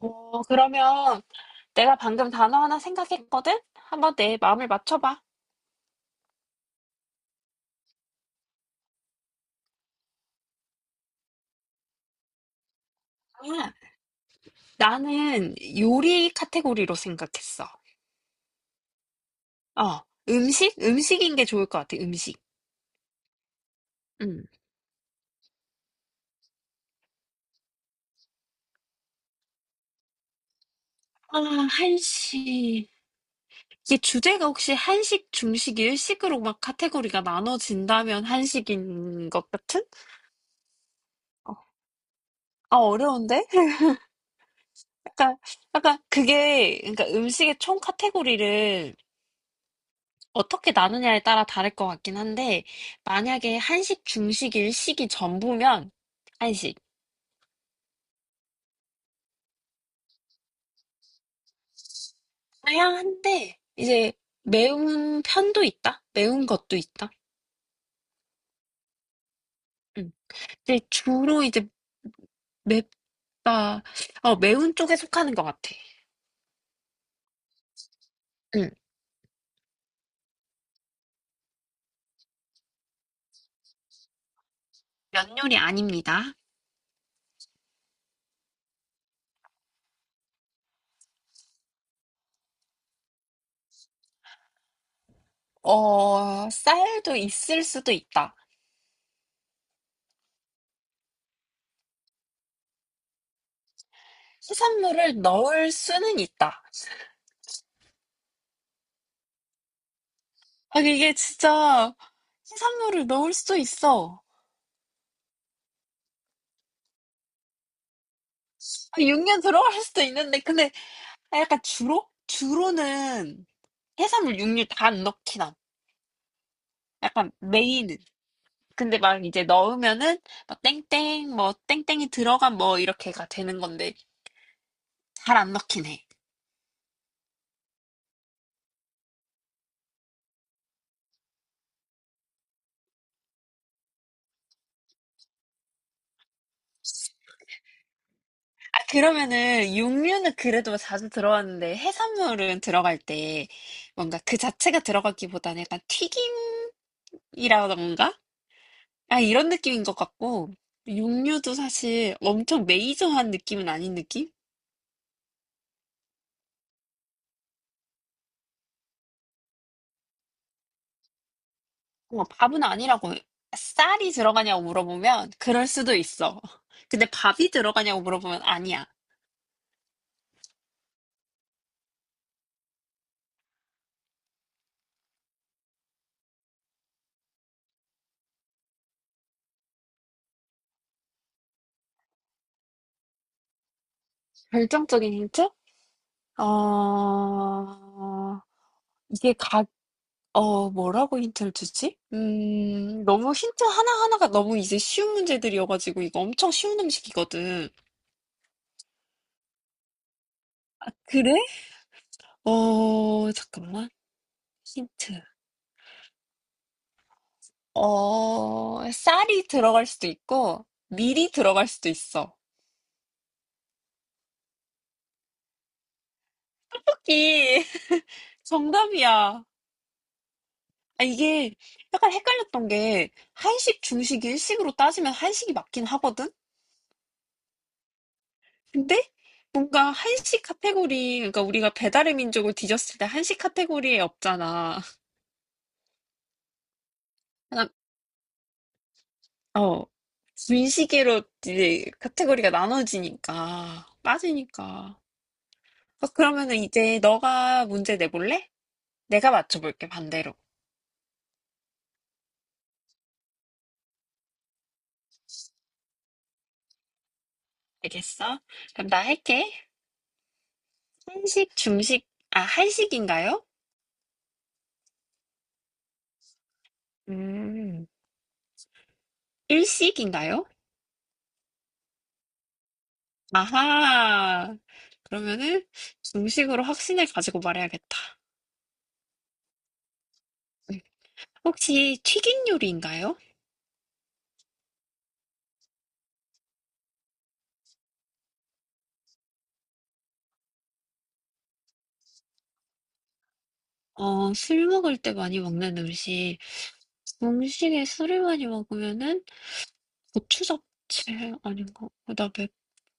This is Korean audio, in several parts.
어, 그러면 내가 방금 단어 하나 생각했거든? 한번 내 마음을 맞춰봐. 아, 나는 요리 카테고리로 생각했어. 어, 음식? 음식인 게 좋을 것 같아, 음식. 음. 아, 한식. 이게 주제가 혹시 한식, 중식, 일식으로 막 카테고리가 나눠진다면 한식인 것 같은? 어, 아, 어려운데? 약간, 약간 그게, 그러니까 음식의 총 카테고리를 어떻게 나누냐에 따라 다를 것 같긴 한데, 만약에 한식, 중식, 일식이 전부면 한식. 다양한데, 이제 매운 편도 있다? 매운 것도 있다? 음. 근데 주로 이제 맵다, 어, 매운 쪽에 속하는 것 같아. 음. 면 요리 아닙니다. 어, 쌀도 있을 수도 있다. 해산물을 넣을 수는 있다. 아, 이게 진짜 해산물을 넣을 수도 있어. 아, 육류 들어갈 수도 있는데, 근데 아, 약간 주로? 주로는 해산물, 육류 다 넣긴 나 약간 메인은. 근데 막 이제 넣으면은 막 땡땡 뭐 땡땡이 들어간 뭐 이렇게가 되는 건데 잘 안 넣긴 해. 아, 그러면은 육류는 그래도 뭐 자주 들어왔는데 해산물은 들어갈 때 뭔가 그 자체가 들어가기보다는 약간 튀김이라던가? 아, 이런 느낌인 것 같고 육류도 사실 엄청 메이저한 느낌은 아닌 느낌? 어, 밥은 아니라고. 쌀이 들어가냐고 물어보면 그럴 수도 있어. 근데 밥이 들어가냐고 물어보면 아니야. 결정적인 힌트? 어, 이게 각, 어, 뭐라고 힌트를 주지? 너무 힌트 하나하나가 너무 이제 쉬운 문제들이어가지고 이거 엄청 쉬운 음식이거든. 아, 그래? 어, 잠깐만. 힌트. 어, 쌀이 들어갈 수도 있고, 밀이 들어갈 수도 있어. 토끼 정답이야. 아, 이게 약간 헷갈렸던 게 한식, 중식, 일식으로 따지면 한식이 맞긴 하거든? 근데 뭔가 한식 카테고리, 그러니까 우리가 배달의 민족을 뒤졌을 때 한식 카테고리에 없잖아. 하나, 어, 분식으로 이제 카테고리가 나눠지니까, 빠지니까. 어, 그러면은 이제 너가 문제 내볼래? 내가 맞춰볼게, 반대로. 알겠어? 그럼 나 할게. 한식, 중식, 아, 한식인가요? 음, 일식인가요? 아하. 그러면은 중식으로 확신을 가지고 말해야겠다. 혹시 튀긴 요리인가요? 어, 술 먹을 때 많이 먹는 음식. 중식에 술을 많이 먹으면은 고추 잡채 아닌가? 그다음에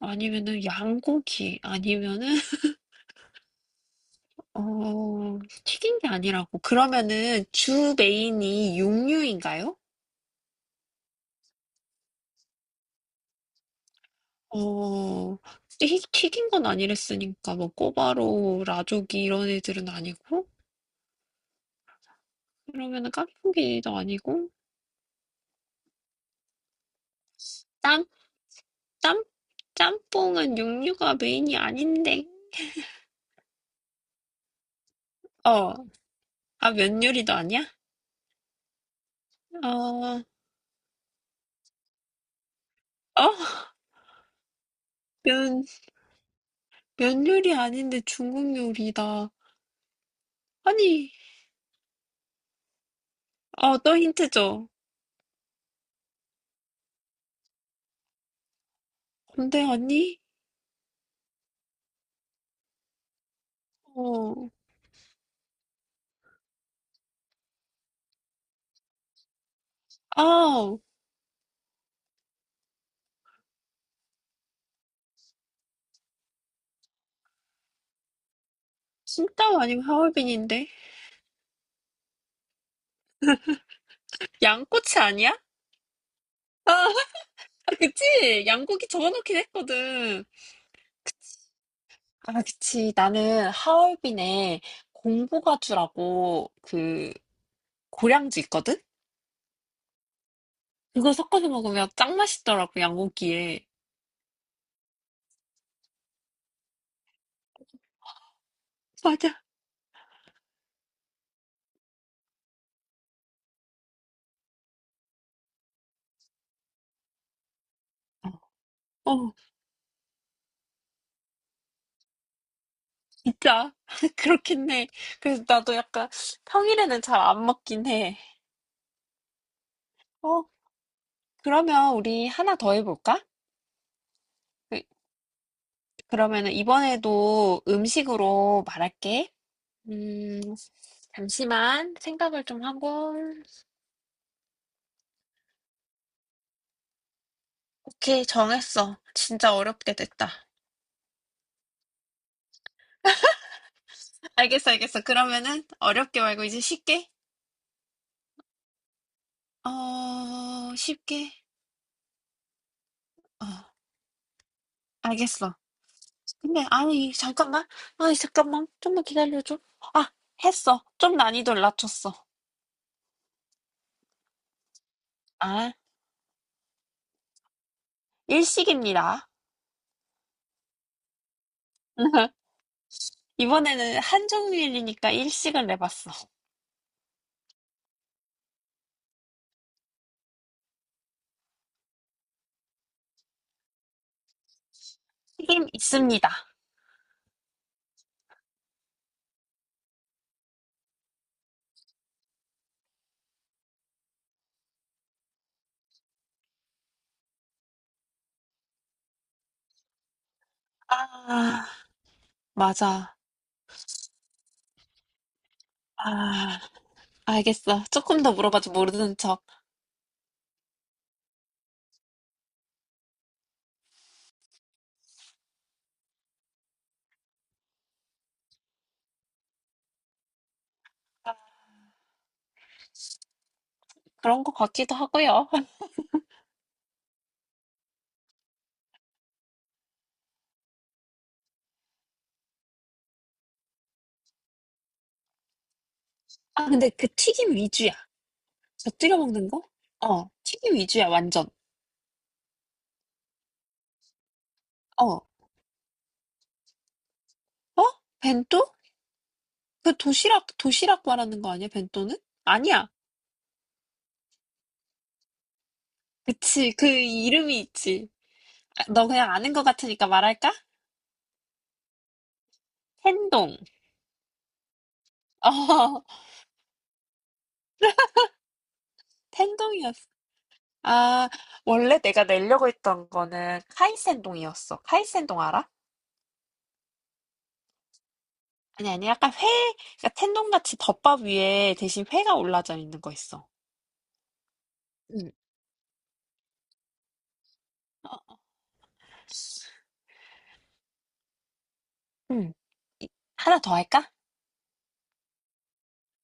아니면은 양고기 아니면은 어, 튀긴 게 아니라고. 그러면은 주 메인이 육류인가요? 어, 튀긴 건 아니랬으니까 뭐 꼬바로우, 라조기 이런 애들은 아니고 그러면은 깐풍기도 아니고 짬? 짬? 짬뽕은 육류가 메인이 아닌데. 어. 아, 면 요리도 아니야? 어. 어? 면, 면 요리 아닌데 중국 요리다. 아니, 어, 또 힌트 줘. 근데 아니? 어. 아, 찐따오 아니면 하얼빈인데? 양꼬치 아니야? 아, 그치? 양고기 적어놓긴 했거든. 아, 그치. 나는 하얼빈에 공부가주라고 그 고량주 있거든? 그거 섞어서 먹으면 짱 맛있더라고, 양고기에. 맞아. 어, 어, 진짜. 그렇긴 해. 그래서 나도 약간 평일에는 잘 안 먹긴 해. 어, 그러면 우리 하나 더 해볼까? 그, 그러면은 이번에도 음식으로 말할게. 음, 잠시만 생각을 좀 하고. 오케이, 정했어. 진짜 어렵게 됐다. 알겠어. 그러면은 어렵게 말고 이제 쉽게? 어, 쉽게? 어, 알겠어. 근데 아니 잠깐만 좀만 기다려줘. 아, 했어. 좀 난이도를 낮췄어. 아, 일식입니다. 이번에는 한정일이니까 일식을 내봤어. 튀김 있습니다. 아, 맞아. 아, 알겠어. 조금 더 물어봐도 모르는 척. 아, 그런 것 같기도 하고요. 아, 근데 그 튀김 위주야. 곁들여 먹는 거? 어, 튀김 위주야, 완전. 어, 어? 벤또? 그 도시락 말하는 거 아니야, 벤또는? 아니야. 그치, 그 이름이 있지. 아, 너 그냥 아는 것 같으니까 말할까? 텐동. 어, 텐동이었어. 아, 원래 내가 내려고 했던 거는 카이센동이었어. 카이센동 알아? 아니, 아니, 약간 회, 그러니까 텐동같이 덮밥 위에 대신 회가 올라져 있는 거 있어. 응. 어, 응. 이- 하나 더 할까?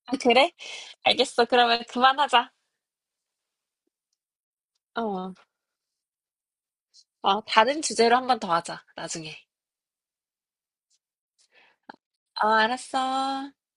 아, 그래? 알겠어. 그러면 그만하자. 어, 어, 다른 주제로 한번 더 하자, 나중에. 어, 알았어.